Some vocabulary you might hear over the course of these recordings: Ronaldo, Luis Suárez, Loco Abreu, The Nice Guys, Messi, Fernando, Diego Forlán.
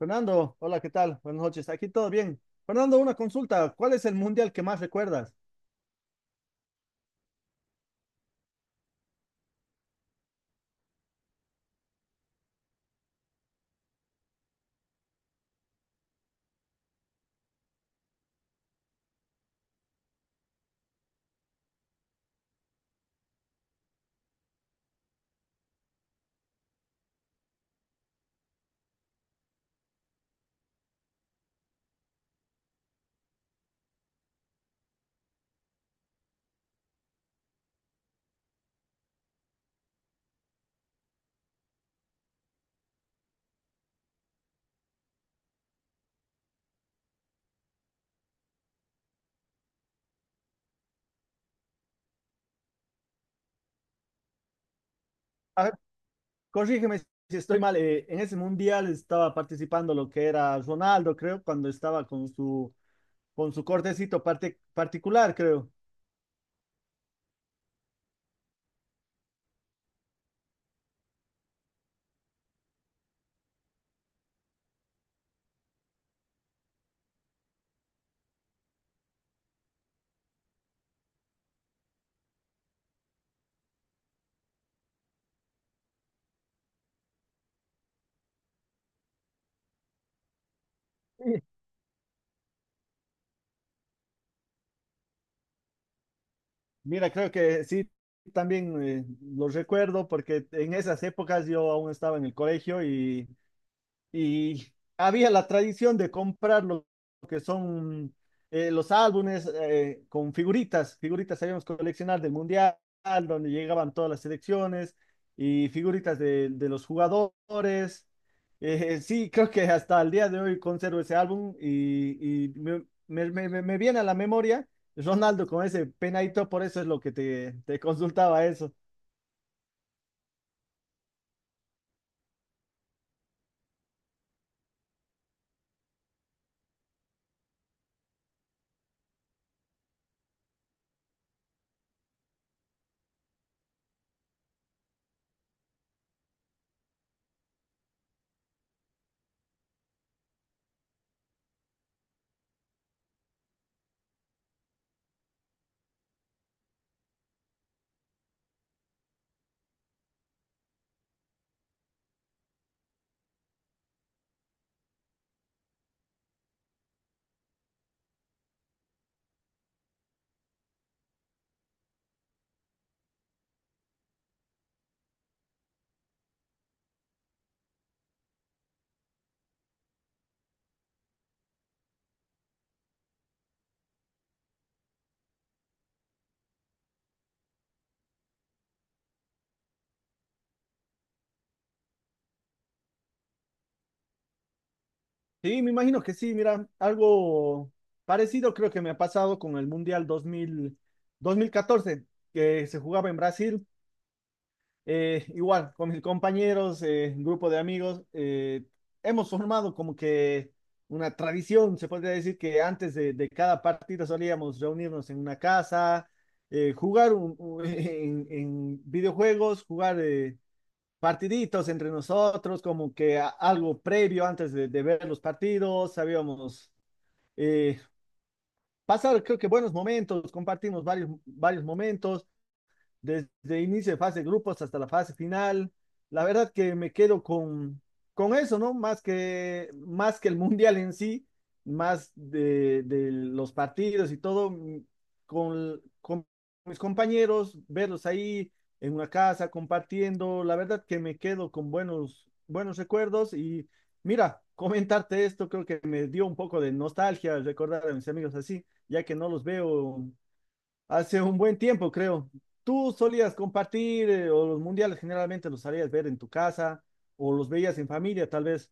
Fernando, hola, ¿qué tal? Buenas noches. Aquí todo bien. Fernando, una consulta. ¿Cuál es el mundial que más recuerdas? A ver, corrígeme si estoy mal. En ese mundial estaba participando lo que era Ronaldo, creo, cuando estaba con su cortecito particular, creo. Sí. Mira, creo que sí, también lo recuerdo porque en esas épocas yo aún estaba en el colegio y y había la tradición de comprar lo que son los álbumes con figuritas, figuritas sabíamos coleccionar del Mundial, donde llegaban todas las selecciones y figuritas de los jugadores. Sí, creo que hasta el día de hoy conservo ese álbum y me, me viene a la memoria Ronaldo con ese penadito, por eso es lo que te consultaba eso. Sí, me imagino que sí, mira, algo parecido creo que me ha pasado con el Mundial 2014 que se jugaba en Brasil. Igual, con mis compañeros, grupo de amigos, hemos formado como que una tradición, se podría decir que antes de cada partido solíamos reunirnos en una casa, jugar en videojuegos, jugar... partiditos entre nosotros, como que algo previo antes de ver los partidos, sabíamos eh, pasar, creo que buenos momentos, compartimos varios, varios momentos desde inicio de fase de grupos hasta la fase final. La verdad que me quedo con eso, ¿no? Más que el mundial en sí, más de los partidos y todo, con mis compañeros, verlos ahí en una casa compartiendo. La verdad que me quedo con buenos, buenos recuerdos y mira, comentarte esto creo que me dio un poco de nostalgia recordar a mis amigos así, ya que no los veo hace un buen tiempo, creo. ¿Tú solías compartir o los mundiales generalmente los sabías ver en tu casa o los veías en familia, tal vez?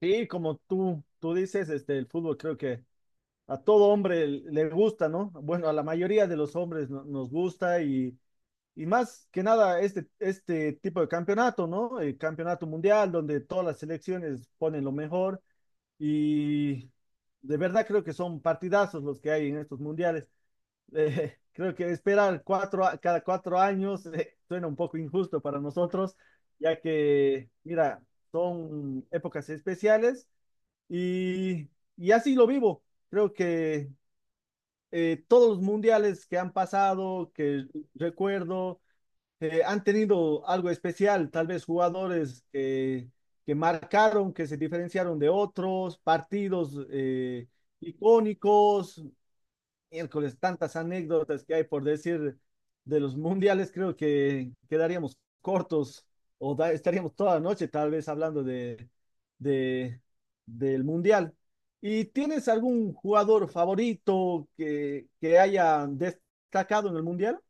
Sí, como tú dices, este, el fútbol creo que a todo hombre le gusta, ¿no? Bueno, a la mayoría de los hombres nos gusta y más que nada este, este tipo de campeonato, ¿no? El campeonato mundial donde todas las selecciones ponen lo mejor y de verdad creo que son partidazos los que hay en estos mundiales. Creo que esperar cada 4 años suena un poco injusto para nosotros, ya que, mira, son épocas especiales y, y así lo vivo. Creo que todos los mundiales que han pasado, que recuerdo, han tenido algo especial, tal vez jugadores que marcaron, que se diferenciaron de otros, partidos icónicos, miércoles, tantas anécdotas que hay por decir de los mundiales, creo que quedaríamos cortos o estaríamos toda la noche tal vez hablando de, del mundial. ¿Y tienes algún jugador favorito que haya destacado en el mundial?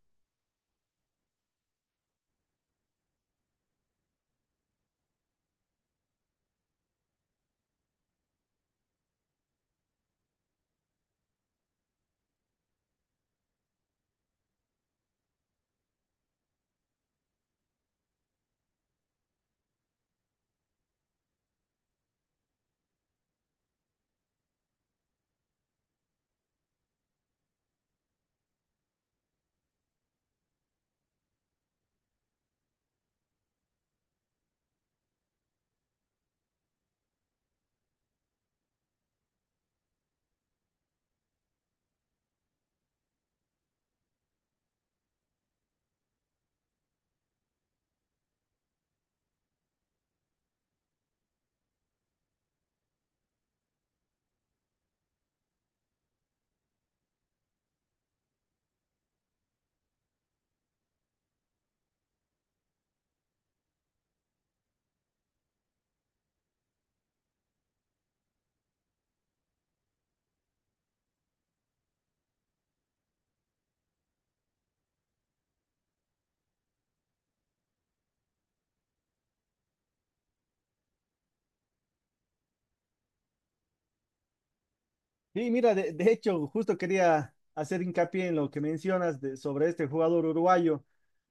Sí, mira, de hecho, justo quería hacer hincapié en lo que mencionas sobre este jugador uruguayo.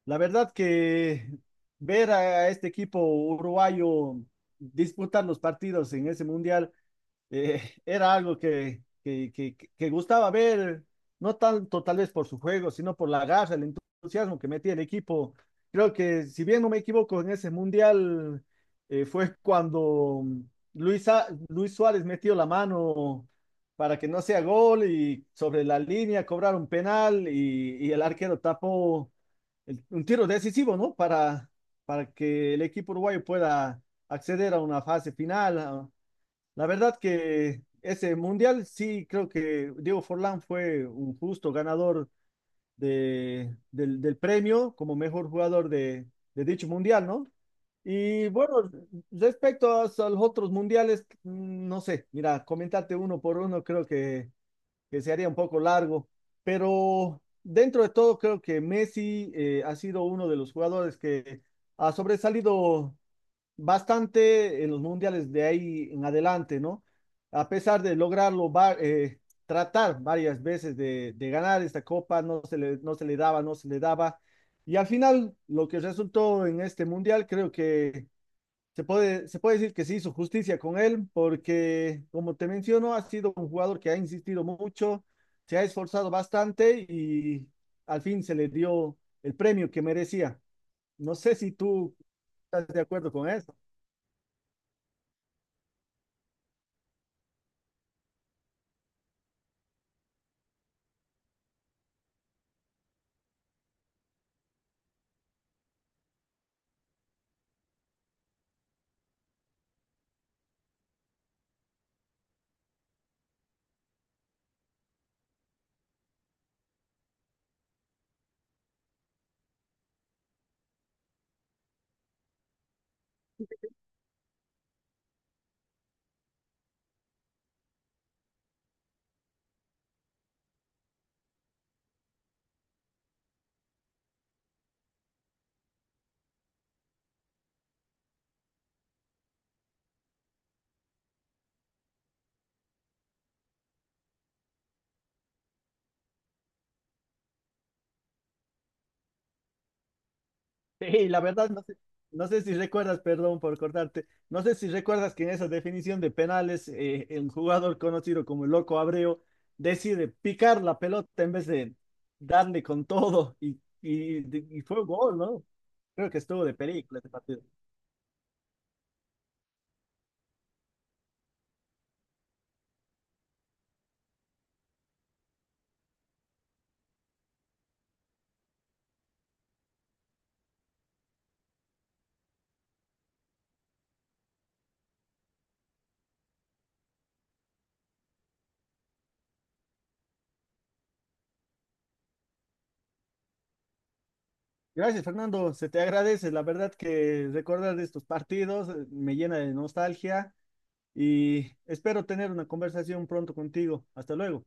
La verdad que ver a este equipo uruguayo disputar los partidos en ese mundial era algo que gustaba ver, no tanto tal vez por su juego, sino por la garra, el entusiasmo que metía el equipo. Creo que, si bien no me equivoco, en ese mundial fue cuando Luis Suárez metió la mano para que no sea gol y sobre la línea cobraron penal y el arquero tapó un tiro decisivo, ¿no? Para que el equipo uruguayo pueda acceder a una fase final, a, la verdad que ese mundial sí creo que Diego Forlán fue un justo ganador de, del, del premio como mejor jugador de dicho mundial, ¿no? Y bueno, respecto a los otros mundiales, mm, no sé, mira, comentarte uno por uno creo que se haría un poco largo, pero dentro de todo creo que Messi ha sido uno de los jugadores que ha sobresalido bastante en los mundiales de ahí en adelante, ¿no? A pesar de lograrlo, tratar varias veces de ganar esta copa, no se le, no se le daba, no se le daba. Y al final, lo que resultó en este mundial, creo que se puede decir que se hizo justicia con él, porque, como te menciono, ha sido un jugador que ha insistido mucho, se ha esforzado bastante y al fin se le dio el premio que merecía. No sé si tú estás de acuerdo con eso. Sí, la verdad, no sé, no sé si recuerdas, perdón por cortarte, no sé si recuerdas que en esa definición de penales, el jugador conocido como el Loco Abreu decide picar la pelota en vez de darle con todo y fue gol, ¿no? Creo que estuvo de película este partido. Gracias, Fernando, se te agradece. La verdad que recordar de estos partidos me llena de nostalgia y espero tener una conversación pronto contigo. Hasta luego.